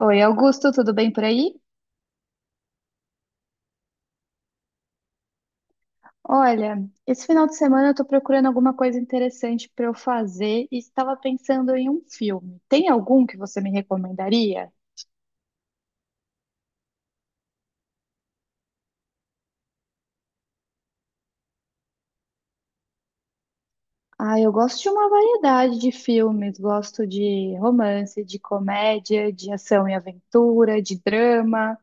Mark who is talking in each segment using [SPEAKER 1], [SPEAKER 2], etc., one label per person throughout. [SPEAKER 1] Oi, Augusto, tudo bem por aí? Olha, esse final de semana eu tô procurando alguma coisa interessante para eu fazer e estava pensando em um filme. Tem algum que você me recomendaria? Ah, eu gosto de uma variedade de filmes. Gosto de romance, de comédia, de ação e aventura, de drama.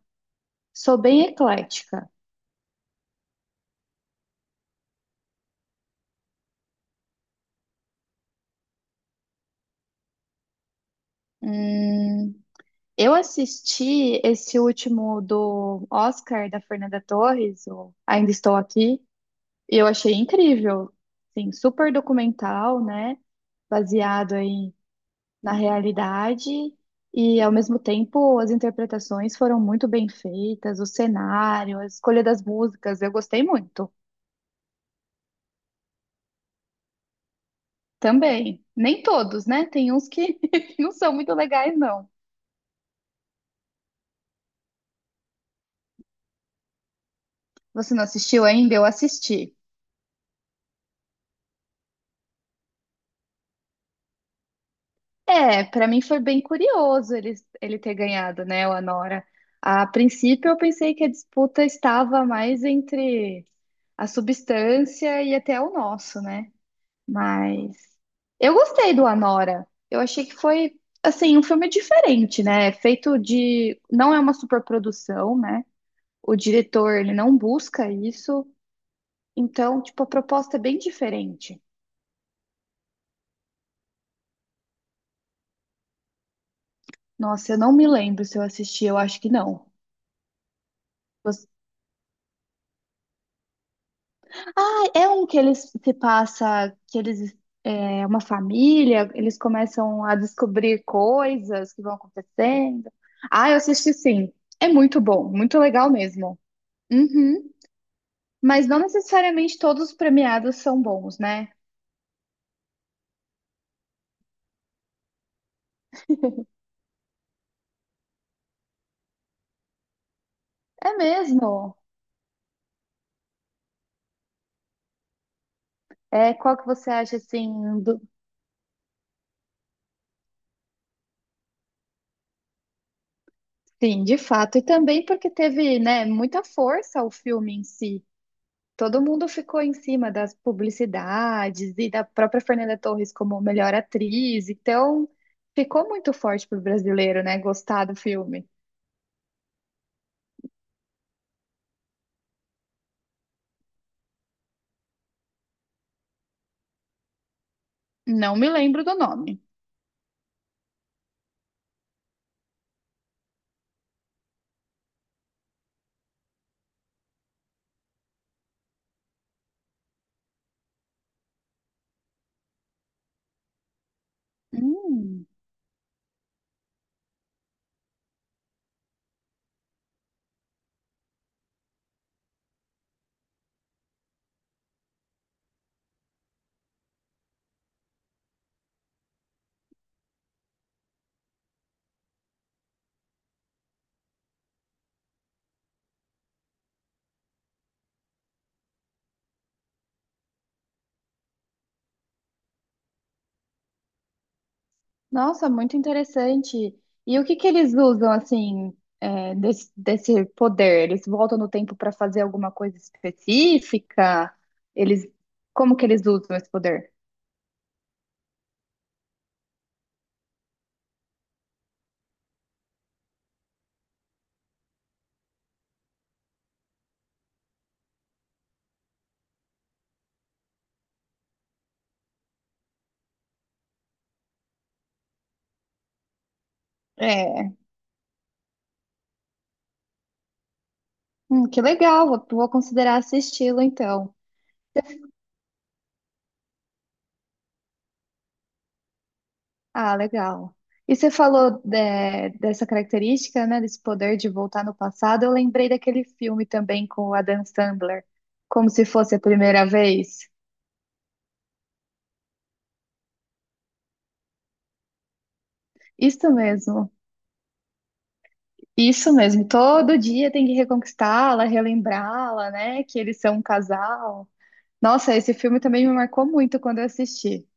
[SPEAKER 1] Sou bem eclética. Hum, eu assisti esse último do Oscar da Fernanda Torres, o Ainda Estou Aqui. E eu achei incrível, sim, super documental, né? Baseado aí na realidade e ao mesmo tempo as interpretações foram muito bem feitas, o cenário, a escolha das músicas, eu gostei muito. Também, nem todos, né? Tem uns que não são muito legais, não. Você não assistiu ainda? Eu assisti. É, pra mim foi bem curioso ele, ele ter ganhado, né, o Anora. A princípio eu pensei que a disputa estava mais entre a substância e até o nosso, né? Mas eu gostei do Anora. Eu achei que foi assim um filme diferente, né? É feito de, não é uma superprodução, né? O diretor ele não busca isso, então tipo a proposta é bem diferente. Nossa, eu não me lembro se eu assisti, eu acho que não. Ah, é um que eles se passa, que eles é uma família, eles começam a descobrir coisas que vão acontecendo. Ah, eu assisti sim. É muito bom, muito legal mesmo. Uhum. Mas não necessariamente todos os premiados são bons, né? É mesmo. É, qual que você acha assim do... Sim, de fato. E também porque teve, né, muita força o filme em si. Todo mundo ficou em cima das publicidades e da própria Fernanda Torres como melhor atriz, então ficou muito forte pro brasileiro, né? Gostar do filme. Não me lembro do nome. Hum, nossa, muito interessante. E o que que eles usam assim é, desse poder? Eles voltam no tempo para fazer alguma coisa específica? Eles, como que eles usam esse poder? É, que legal. Vou considerar esse estilo então. Ah, legal. E você falou dessa característica, né, desse poder de voltar no passado. Eu lembrei daquele filme também com o Adam Sandler, como se fosse a primeira vez. Isso mesmo, isso mesmo. Todo dia tem que reconquistá-la, relembrá-la, né, que eles são um casal. Nossa, esse filme também me marcou muito quando eu assisti.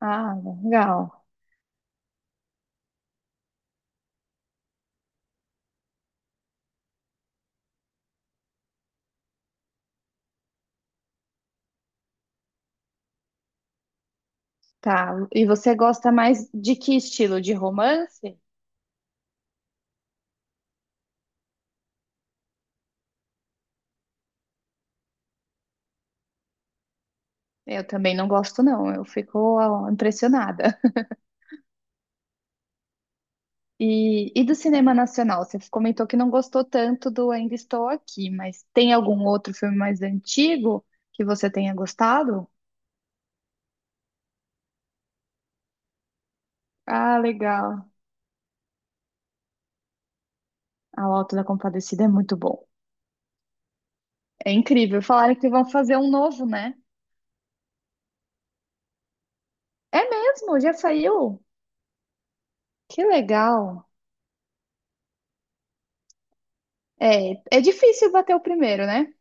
[SPEAKER 1] Ah, legal. Tá. E você gosta mais de que estilo? De romance? Eu também não gosto, não. Eu fico ó, impressionada. E do cinema nacional? Você comentou que não gostou tanto do Ainda Estou Aqui, mas tem algum outro filme mais antigo que você tenha gostado? Ah, legal. A O Auto da Compadecida é muito bom. É incrível. Falaram que vão fazer um novo, né? É mesmo? Já saiu? Que legal. É, é difícil bater o primeiro, né?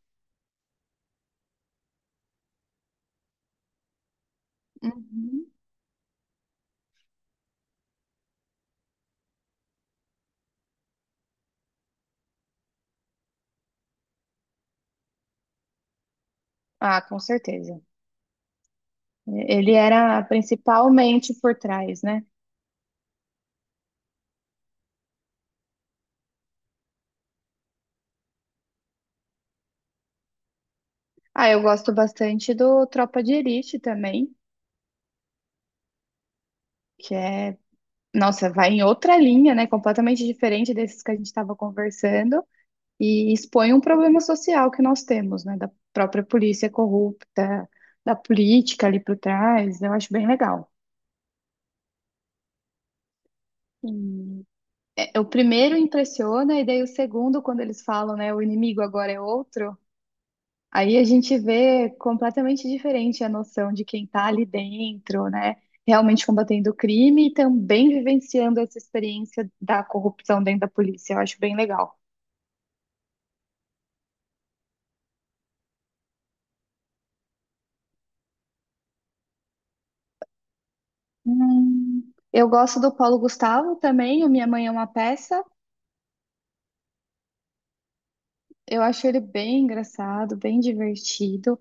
[SPEAKER 1] Uhum. Ah, com certeza. Ele era principalmente por trás, né? Ah, eu gosto bastante do Tropa de Elite também, que é, nossa, vai em outra linha, né? Completamente diferente desses que a gente estava conversando e expõe um problema social que nós temos, né? Da própria polícia corrupta, da política ali por trás. Eu acho bem legal. E, é, o primeiro impressiona e daí o segundo, quando eles falam, né? O inimigo agora é outro. Aí a gente vê completamente diferente a noção de quem está ali dentro, né? Realmente combatendo o crime e também vivenciando essa experiência da corrupção dentro da polícia. Eu acho bem legal. Eu gosto do Paulo Gustavo também, o Minha Mãe é uma Peça. Eu acho ele bem engraçado, bem divertido.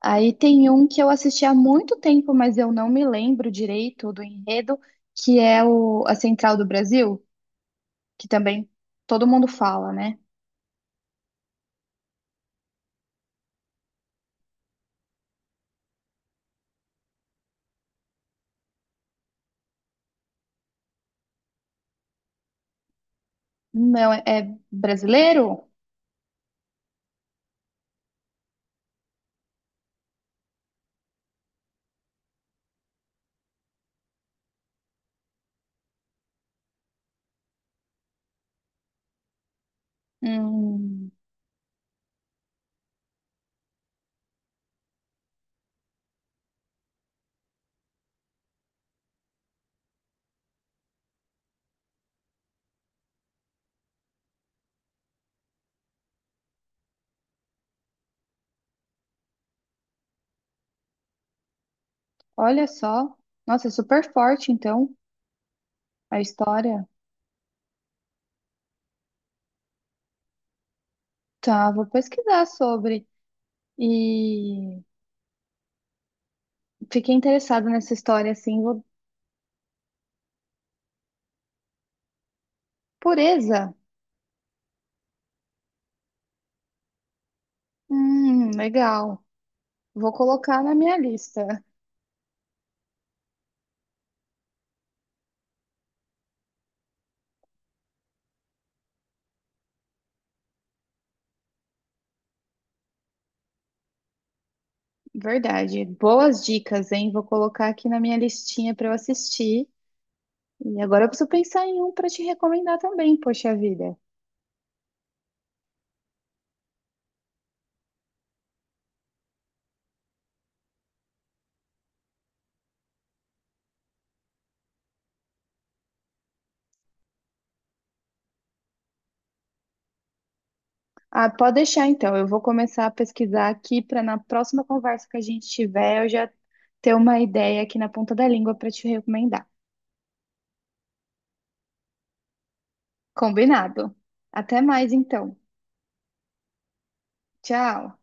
[SPEAKER 1] Aí tem um que eu assisti há muito tempo, mas eu não me lembro direito do enredo, que é o A Central do Brasil, que também todo mundo fala, né? Não, é, é brasileiro? Hum, olha só. Nossa, é super forte, então, a história. Tá, vou pesquisar sobre. E fiquei interessada nessa história, assim, vou Pureza? Legal. Vou colocar na minha lista. Verdade. Boas dicas, hein? Vou colocar aqui na minha listinha para eu assistir. E agora eu preciso pensar em um para te recomendar também, poxa vida. Ah, pode deixar então. Eu vou começar a pesquisar aqui para na próxima conversa que a gente tiver, eu já ter uma ideia aqui na ponta da língua para te recomendar. Combinado. Até mais então. Tchau.